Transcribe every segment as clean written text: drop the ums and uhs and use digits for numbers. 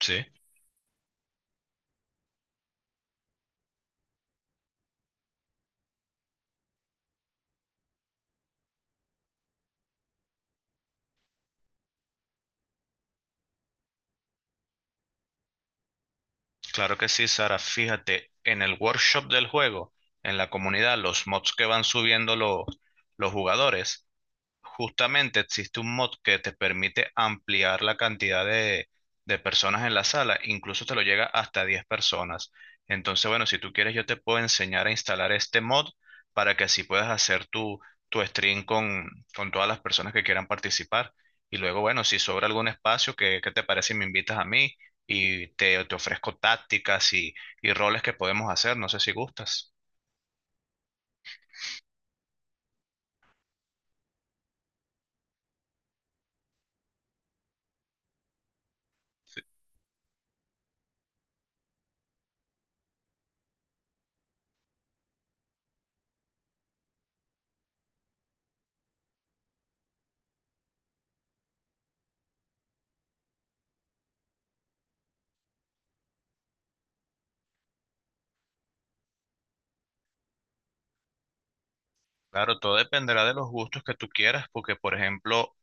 Sí, claro que sí, Sara. Fíjate, en el workshop del juego, en la comunidad, los mods que van subiendo los jugadores, justamente existe un mod que te permite ampliar la cantidad de personas en la sala, incluso te lo llega hasta 10 personas. Entonces, bueno, si tú quieres, yo te puedo enseñar a instalar este mod para que así puedas hacer tu stream con todas las personas que quieran participar. Y luego, bueno, si sobra algún espacio, ¿qué te parece si me invitas a mí y te ofrezco tácticas y roles que podemos hacer? No sé si gustas. Claro, todo dependerá de los gustos que tú quieras, porque, por ejemplo,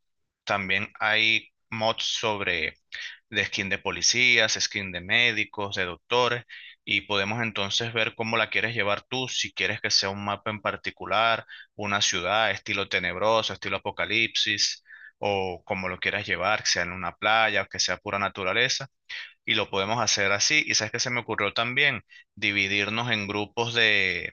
también hay mods sobre de skin de policías, skin de médicos, de doctores, y podemos entonces ver cómo la quieres llevar tú, si quieres que sea un mapa en particular, una ciudad, estilo tenebroso, estilo apocalipsis, o como lo quieras llevar, que sea en una playa, que sea pura naturaleza, y lo podemos hacer así. Y sabes que se me ocurrió también dividirnos en grupos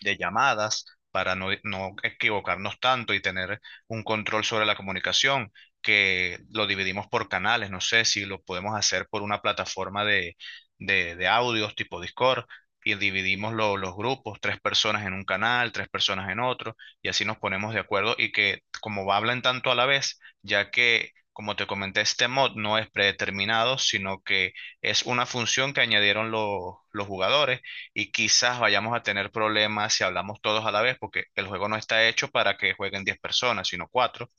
de llamadas para no, no equivocarnos tanto y tener un control sobre la comunicación, que lo dividimos por canales. No sé si lo podemos hacer por una plataforma de audios tipo Discord y dividimos los grupos, tres personas en un canal, tres personas en otro, y así nos ponemos de acuerdo, y que como hablan tanto a la vez, ya que, como te comenté, este mod no es predeterminado, sino que es una función que añadieron los jugadores, y quizás vayamos a tener problemas si hablamos todos a la vez, porque el juego no está hecho para que jueguen 10 personas, sino cuatro.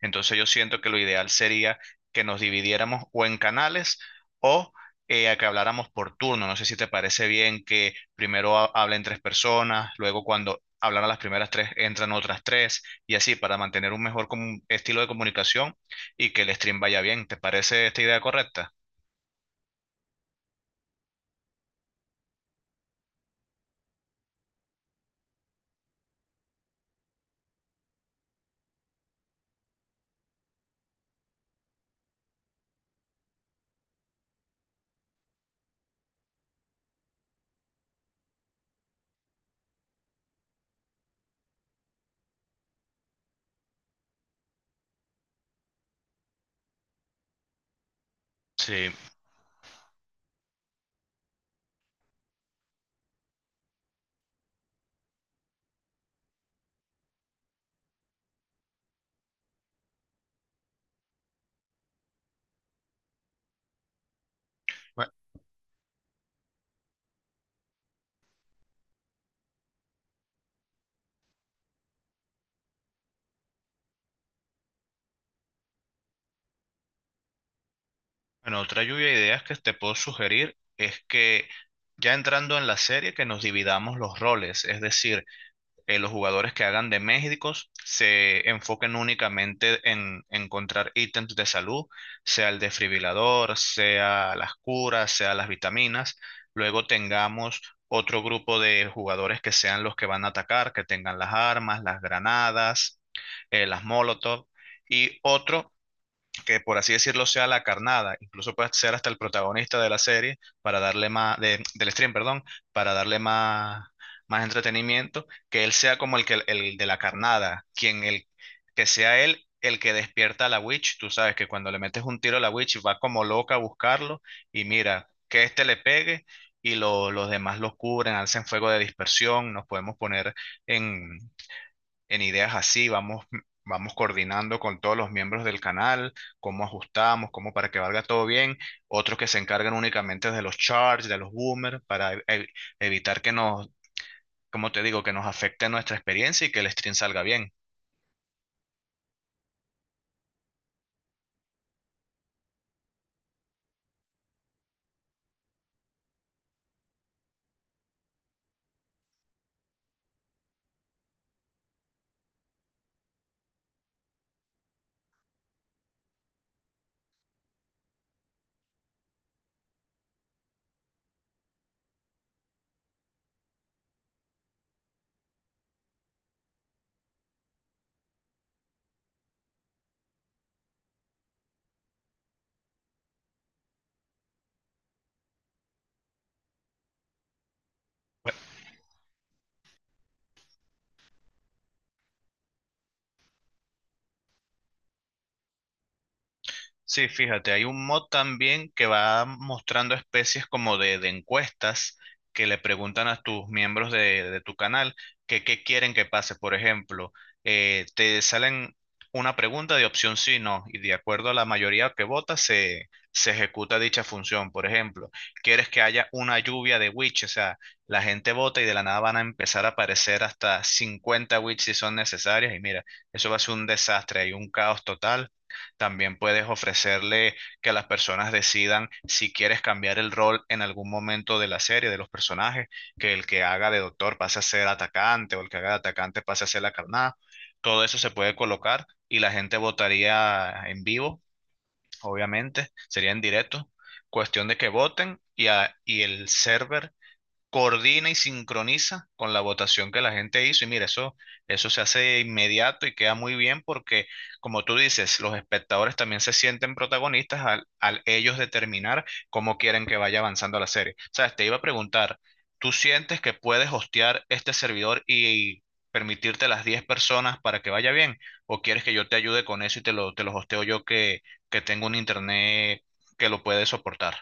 Entonces yo siento que lo ideal sería que nos dividiéramos o en canales o a que habláramos por turno. No sé si te parece bien que primero hablen tres personas, luego cuando hablan a las primeras tres entran otras tres, y así para mantener un mejor estilo de comunicación y que el stream vaya bien. ¿Te parece esta idea correcta? Sí. Bueno, otra lluvia de ideas que te puedo sugerir es que, ya entrando en la serie, que nos dividamos los roles, es decir, los jugadores que hagan de médicos se enfoquen únicamente en encontrar ítems de salud, sea el desfibrilador, sea las curas, sea las vitaminas. Luego tengamos otro grupo de jugadores que sean los que van a atacar, que tengan las armas, las granadas, las molotov, y otro que, por así decirlo, sea la carnada. Incluso puede ser hasta el protagonista de la serie para darle más, del stream, perdón, para darle más, más entretenimiento, que él sea como el que el de la carnada, quien el que sea él el que despierta a la witch. Tú sabes que cuando le metes un tiro a la witch va como loca a buscarlo, y mira, que este le pegue y los demás los cubren, alcen fuego de dispersión. Nos podemos poner en en ideas así, vamos, vamos coordinando con todos los miembros del canal, cómo ajustamos, cómo para que valga todo bien. Otros que se encargan únicamente de los charts, de los boomers, para evitar que nos, como te digo, que nos afecte nuestra experiencia y que el stream salga bien. Sí, fíjate, hay un mod también que va mostrando especies como de encuestas que le preguntan a tus miembros de tu canal que qué quieren que pase. Por ejemplo, te salen una pregunta de opción sí, no, y de acuerdo a la mayoría que vota se ejecuta dicha función. Por ejemplo, quieres que haya una lluvia de witch, o sea, la gente vota y de la nada van a empezar a aparecer hasta 50 witch si son necesarias, y mira, eso va a ser un desastre, hay un caos total. También puedes ofrecerle que las personas decidan si quieres cambiar el rol en algún momento de la serie, de los personajes, que el que haga de doctor pase a ser atacante o el que haga de atacante pase a ser la carnada. Todo eso se puede colocar y la gente votaría en vivo, obviamente, sería en directo. Cuestión de que voten y, y el server coordina y sincroniza con la votación que la gente hizo. Y mira, eso se hace inmediato y queda muy bien porque, como tú dices, los espectadores también se sienten protagonistas al ellos determinar cómo quieren que vaya avanzando la serie. Sabes, te iba a preguntar, ¿tú sientes que puedes hostear este servidor y permitirte las 10 personas para que vaya bien? ¿O quieres que yo te ayude con eso y te lo hosteo yo que tengo un internet que lo puede soportar?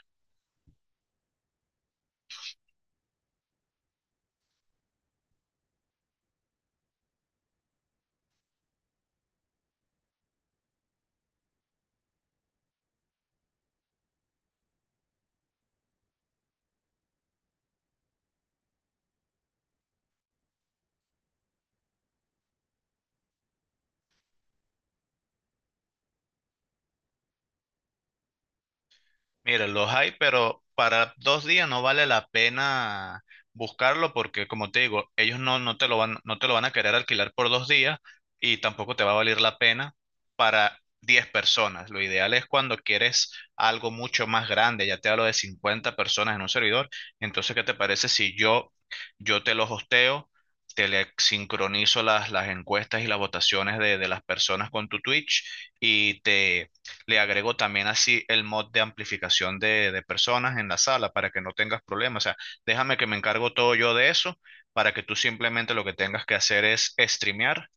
Mira, los hay, pero para 2 días no vale la pena buscarlo porque, como te digo, ellos no, no te lo van, no te lo van a querer alquilar por 2 días, y tampoco te va a valer la pena para 10 personas. Lo ideal es cuando quieres algo mucho más grande, ya te hablo de 50 personas en un servidor. Entonces, ¿qué te parece si yo te los hosteo, te le sincronizo las encuestas y las votaciones de las personas con tu Twitch, y te le agrego también así el mod de amplificación de personas en la sala para que no tengas problemas? O sea, déjame que me encargo todo yo de eso para que tú simplemente lo que tengas que hacer es streamear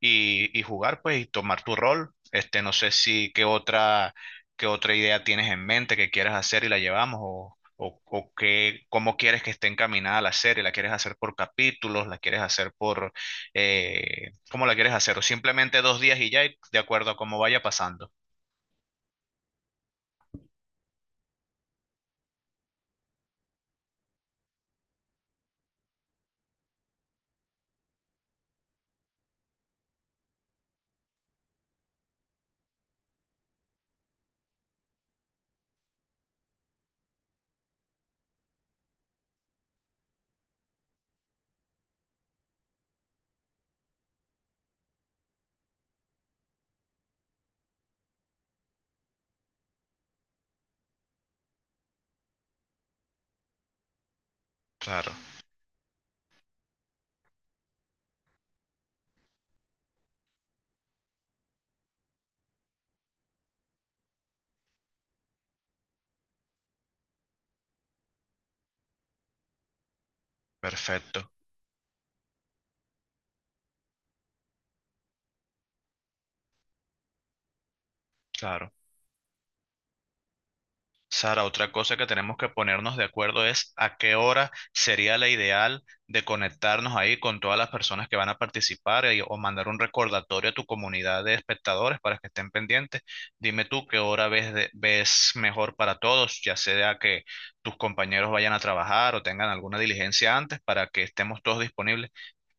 y jugar, pues, y tomar tu rol. Este, no sé si qué otra idea tienes en mente que quieras hacer y la llevamos, o qué, cómo quieres que esté encaminada la serie. ¿La quieres hacer por capítulos? ¿La quieres hacer por, cómo la quieres hacer? O simplemente 2 días y ya, y de acuerdo a cómo vaya pasando. Claro. Perfecto, claro. Sara, otra cosa que tenemos que ponernos de acuerdo es a qué hora sería la ideal de conectarnos ahí con todas las personas que van a participar, o mandar un recordatorio a tu comunidad de espectadores para que estén pendientes. Dime tú qué hora ves, ves mejor para todos, ya sea que tus compañeros vayan a trabajar o tengan alguna diligencia antes, para que estemos todos disponibles.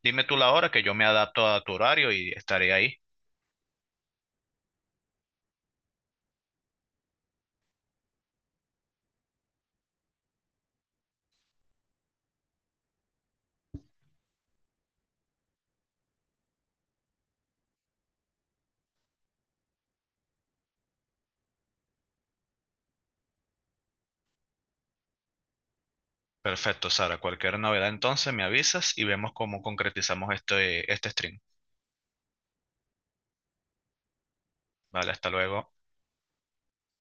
Dime tú la hora, que yo me adapto a tu horario y estaré ahí. Perfecto, Sara. Cualquier novedad entonces me avisas y vemos cómo concretizamos este stream. Vale, hasta luego.